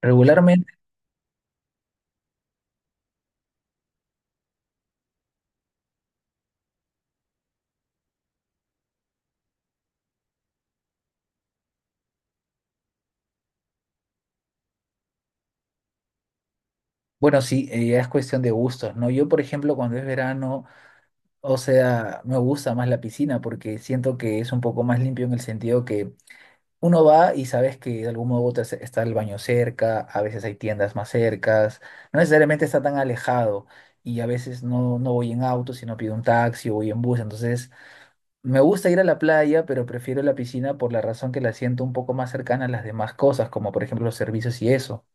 Regularmente, bueno, sí, ya es cuestión de gustos, ¿no? Yo, por ejemplo, cuando es verano, o sea, me gusta más la piscina porque siento que es un poco más limpio en el sentido que uno va y sabes que de algún modo u otro está el baño cerca, a veces hay tiendas más cercas, no necesariamente está tan alejado y a veces no voy en auto, sino pido un taxi o voy en bus, entonces me gusta ir a la playa, pero prefiero la piscina por la razón que la siento un poco más cercana a las demás cosas, como por ejemplo los servicios y eso.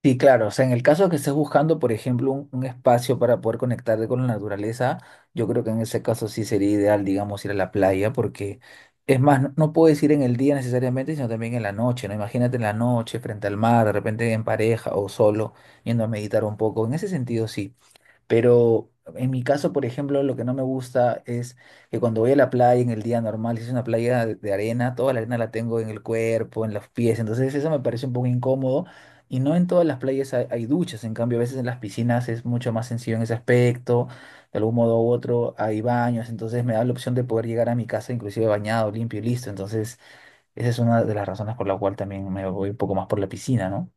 Sí, claro. O sea, en el caso que estés buscando, por ejemplo, un espacio para poder conectarte con la naturaleza, yo creo que en ese caso sí sería ideal, digamos, ir a la playa, porque es más, no puedes ir en el día necesariamente, sino también en la noche, ¿no? Imagínate en la noche, frente al mar, de repente en pareja o solo, yendo a meditar un poco. En ese sentido, sí. Pero en mi caso, por ejemplo, lo que no me gusta es que cuando voy a la playa en el día normal, si es una playa de arena, toda la arena la tengo en el cuerpo, en los pies, entonces eso me parece un poco incómodo. Y no en todas las playas hay duchas, en cambio a veces en las piscinas es mucho más sencillo en ese aspecto, de algún modo u otro hay baños, entonces me da la opción de poder llegar a mi casa inclusive bañado, limpio y listo. Entonces esa es una de las razones por la cual también me voy un poco más por la piscina, ¿no?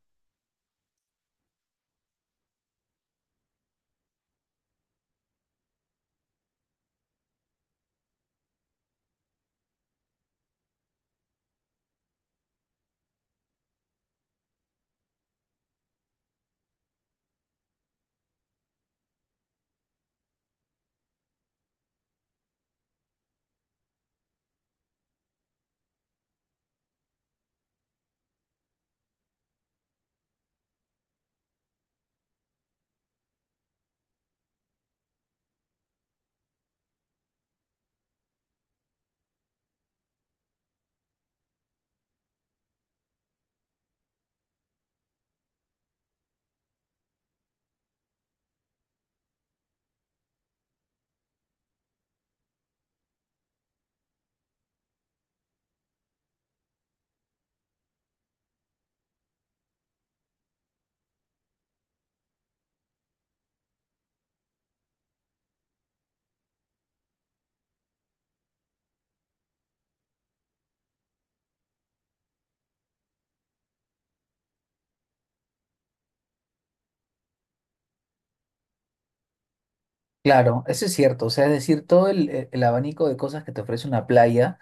Claro, eso es cierto. O sea, es decir, todo el abanico de cosas que te ofrece una playa,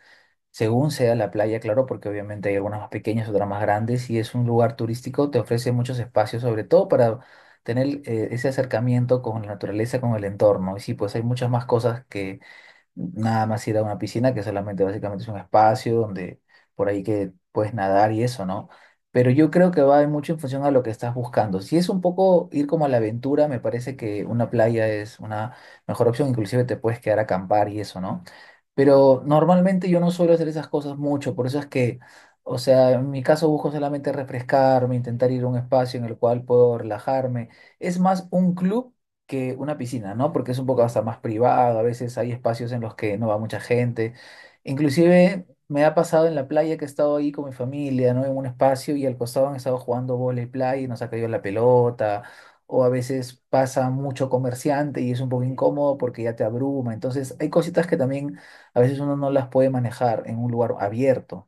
según sea la playa, claro, porque obviamente hay algunas más pequeñas, otras más grandes, y es un lugar turístico, te ofrece muchos espacios, sobre todo para tener ese acercamiento con la naturaleza, con el entorno. Y sí, pues hay muchas más cosas que nada más ir a una piscina que solamente básicamente es un espacio donde por ahí que puedes nadar y eso, ¿no? Pero yo creo que va mucho en función a lo que estás buscando. Si es un poco ir como a la aventura, me parece que una playa es una mejor opción, inclusive te puedes quedar a acampar y eso, ¿no? Pero normalmente yo no suelo hacer esas cosas mucho, por eso es que, o sea, en mi caso busco solamente refrescarme, intentar ir a un espacio en el cual puedo relajarme. Es más un club que una piscina, ¿no? Porque es un poco hasta más privado, a veces hay espacios en los que no va mucha gente. Inclusive me ha pasado en la playa que he estado ahí con mi familia, ¿no? En un espacio y al costado han estado jugando vóley playa y nos ha caído la pelota. O a veces pasa mucho comerciante y es un poco incómodo porque ya te abruma. Entonces hay cositas que también a veces uno no las puede manejar en un lugar abierto.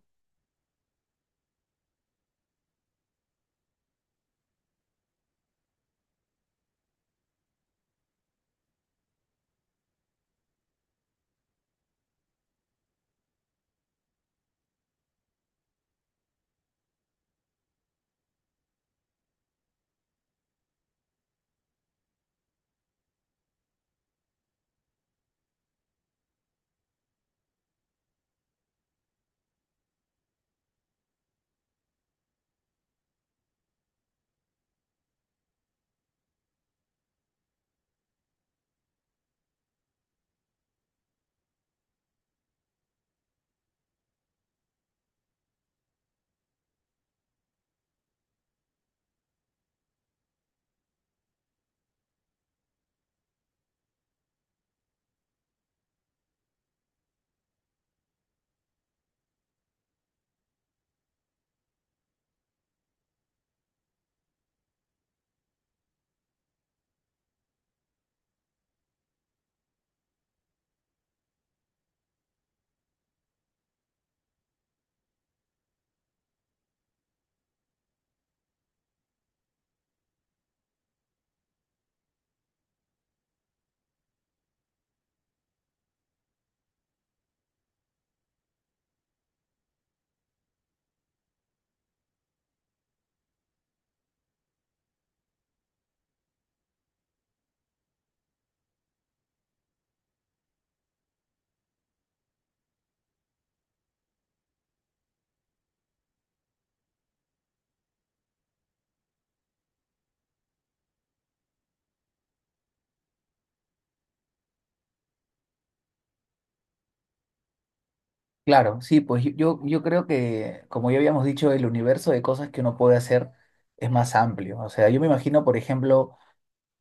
Claro, sí, pues yo creo que, como ya habíamos dicho, el universo de cosas que uno puede hacer es más amplio. O sea, yo me imagino, por ejemplo,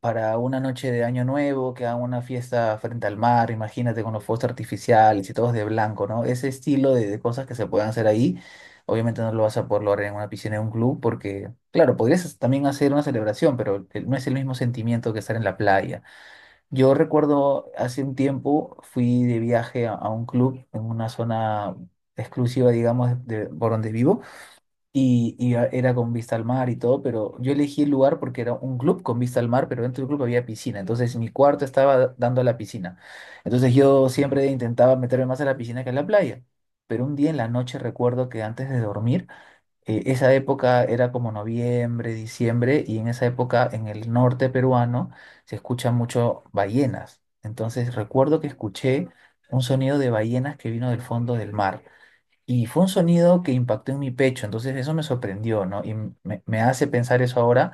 para una noche de Año Nuevo, que hagan una fiesta frente al mar, imagínate con los fuegos artificiales y todos de blanco, ¿no? Ese estilo de cosas que se pueden hacer ahí, obviamente no lo vas a poder lograr en una piscina, en un club, porque, claro, podrías también hacer una celebración, pero no es el mismo sentimiento que estar en la playa. Yo recuerdo hace un tiempo fui de viaje a un club en una zona exclusiva, digamos, por donde vivo, era con vista al mar y todo, pero yo elegí el lugar porque era un club con vista al mar, pero dentro del club había piscina, entonces mi cuarto estaba dando a la piscina. Entonces yo siempre intentaba meterme más a la piscina que a la playa, pero un día en la noche recuerdo que antes de dormir, esa época era como noviembre, diciembre, y en esa época en el norte peruano se escuchan mucho ballenas. Entonces recuerdo que escuché un sonido de ballenas que vino del fondo del mar. Y fue un sonido que impactó en mi pecho, entonces eso me sorprendió, ¿no? Y me hace pensar eso ahora,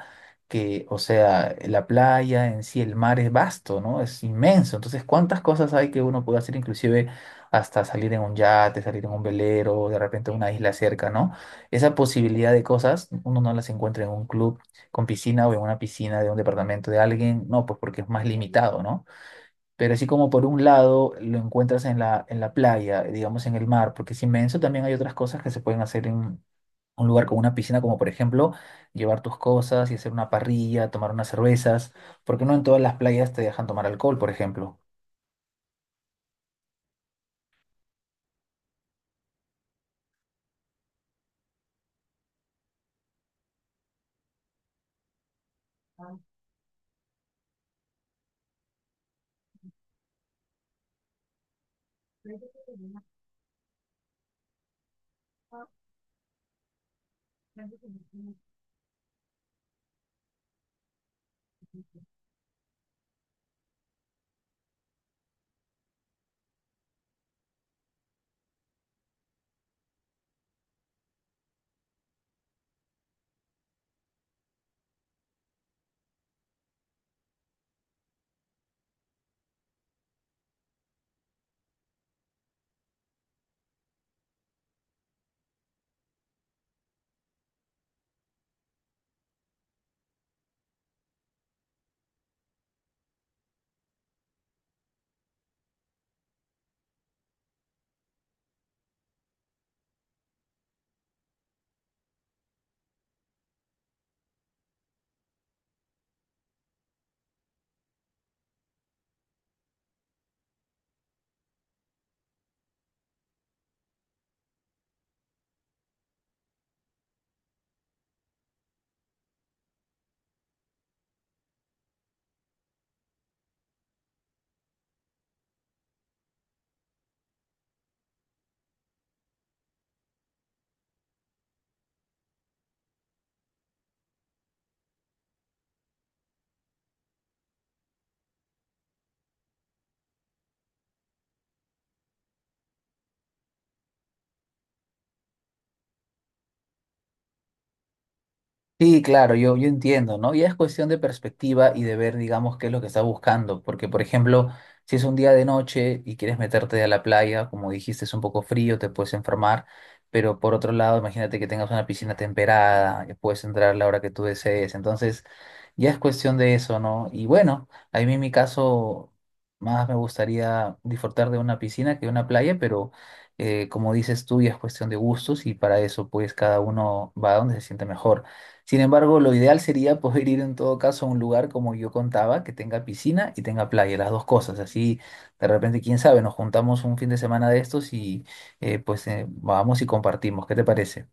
que, o sea, la playa en sí, el mar es vasto, ¿no? Es inmenso, entonces cuántas cosas hay que uno puede hacer, inclusive hasta salir en un yate, salir en un velero, de repente a una isla cerca, ¿no? Esa posibilidad de cosas, uno no las encuentra en un club con piscina o en una piscina de un departamento de alguien, no, pues porque es más limitado, ¿no? Pero así como por un lado lo encuentras en en la playa, digamos en el mar, porque es inmenso, también hay otras cosas que se pueden hacer en un lugar con una piscina, como por ejemplo llevar tus cosas y hacer una parrilla, tomar unas cervezas, porque no en todas las playas te dejan tomar alcohol, por ejemplo. Sí, claro, yo entiendo, ¿no? Y es cuestión de perspectiva y de ver, digamos, qué es lo que estás buscando, porque, por ejemplo, si es un día de noche y quieres meterte a la playa, como dijiste, es un poco frío, te puedes enfermar, pero por otro lado, imagínate que tengas una piscina temperada, que puedes entrar a la hora que tú desees, entonces ya es cuestión de eso, ¿no? Y bueno, a mí en mi caso, más me gustaría disfrutar de una piscina que de una playa, pero como dices tú, ya es cuestión de gustos y para eso, pues, cada uno va a donde se siente mejor. Sin embargo, lo ideal sería poder ir en todo caso a un lugar como yo contaba, que tenga piscina y tenga playa, las dos cosas. Así, de repente, quién sabe, nos juntamos un fin de semana de estos y pues vamos y compartimos. ¿Qué te parece?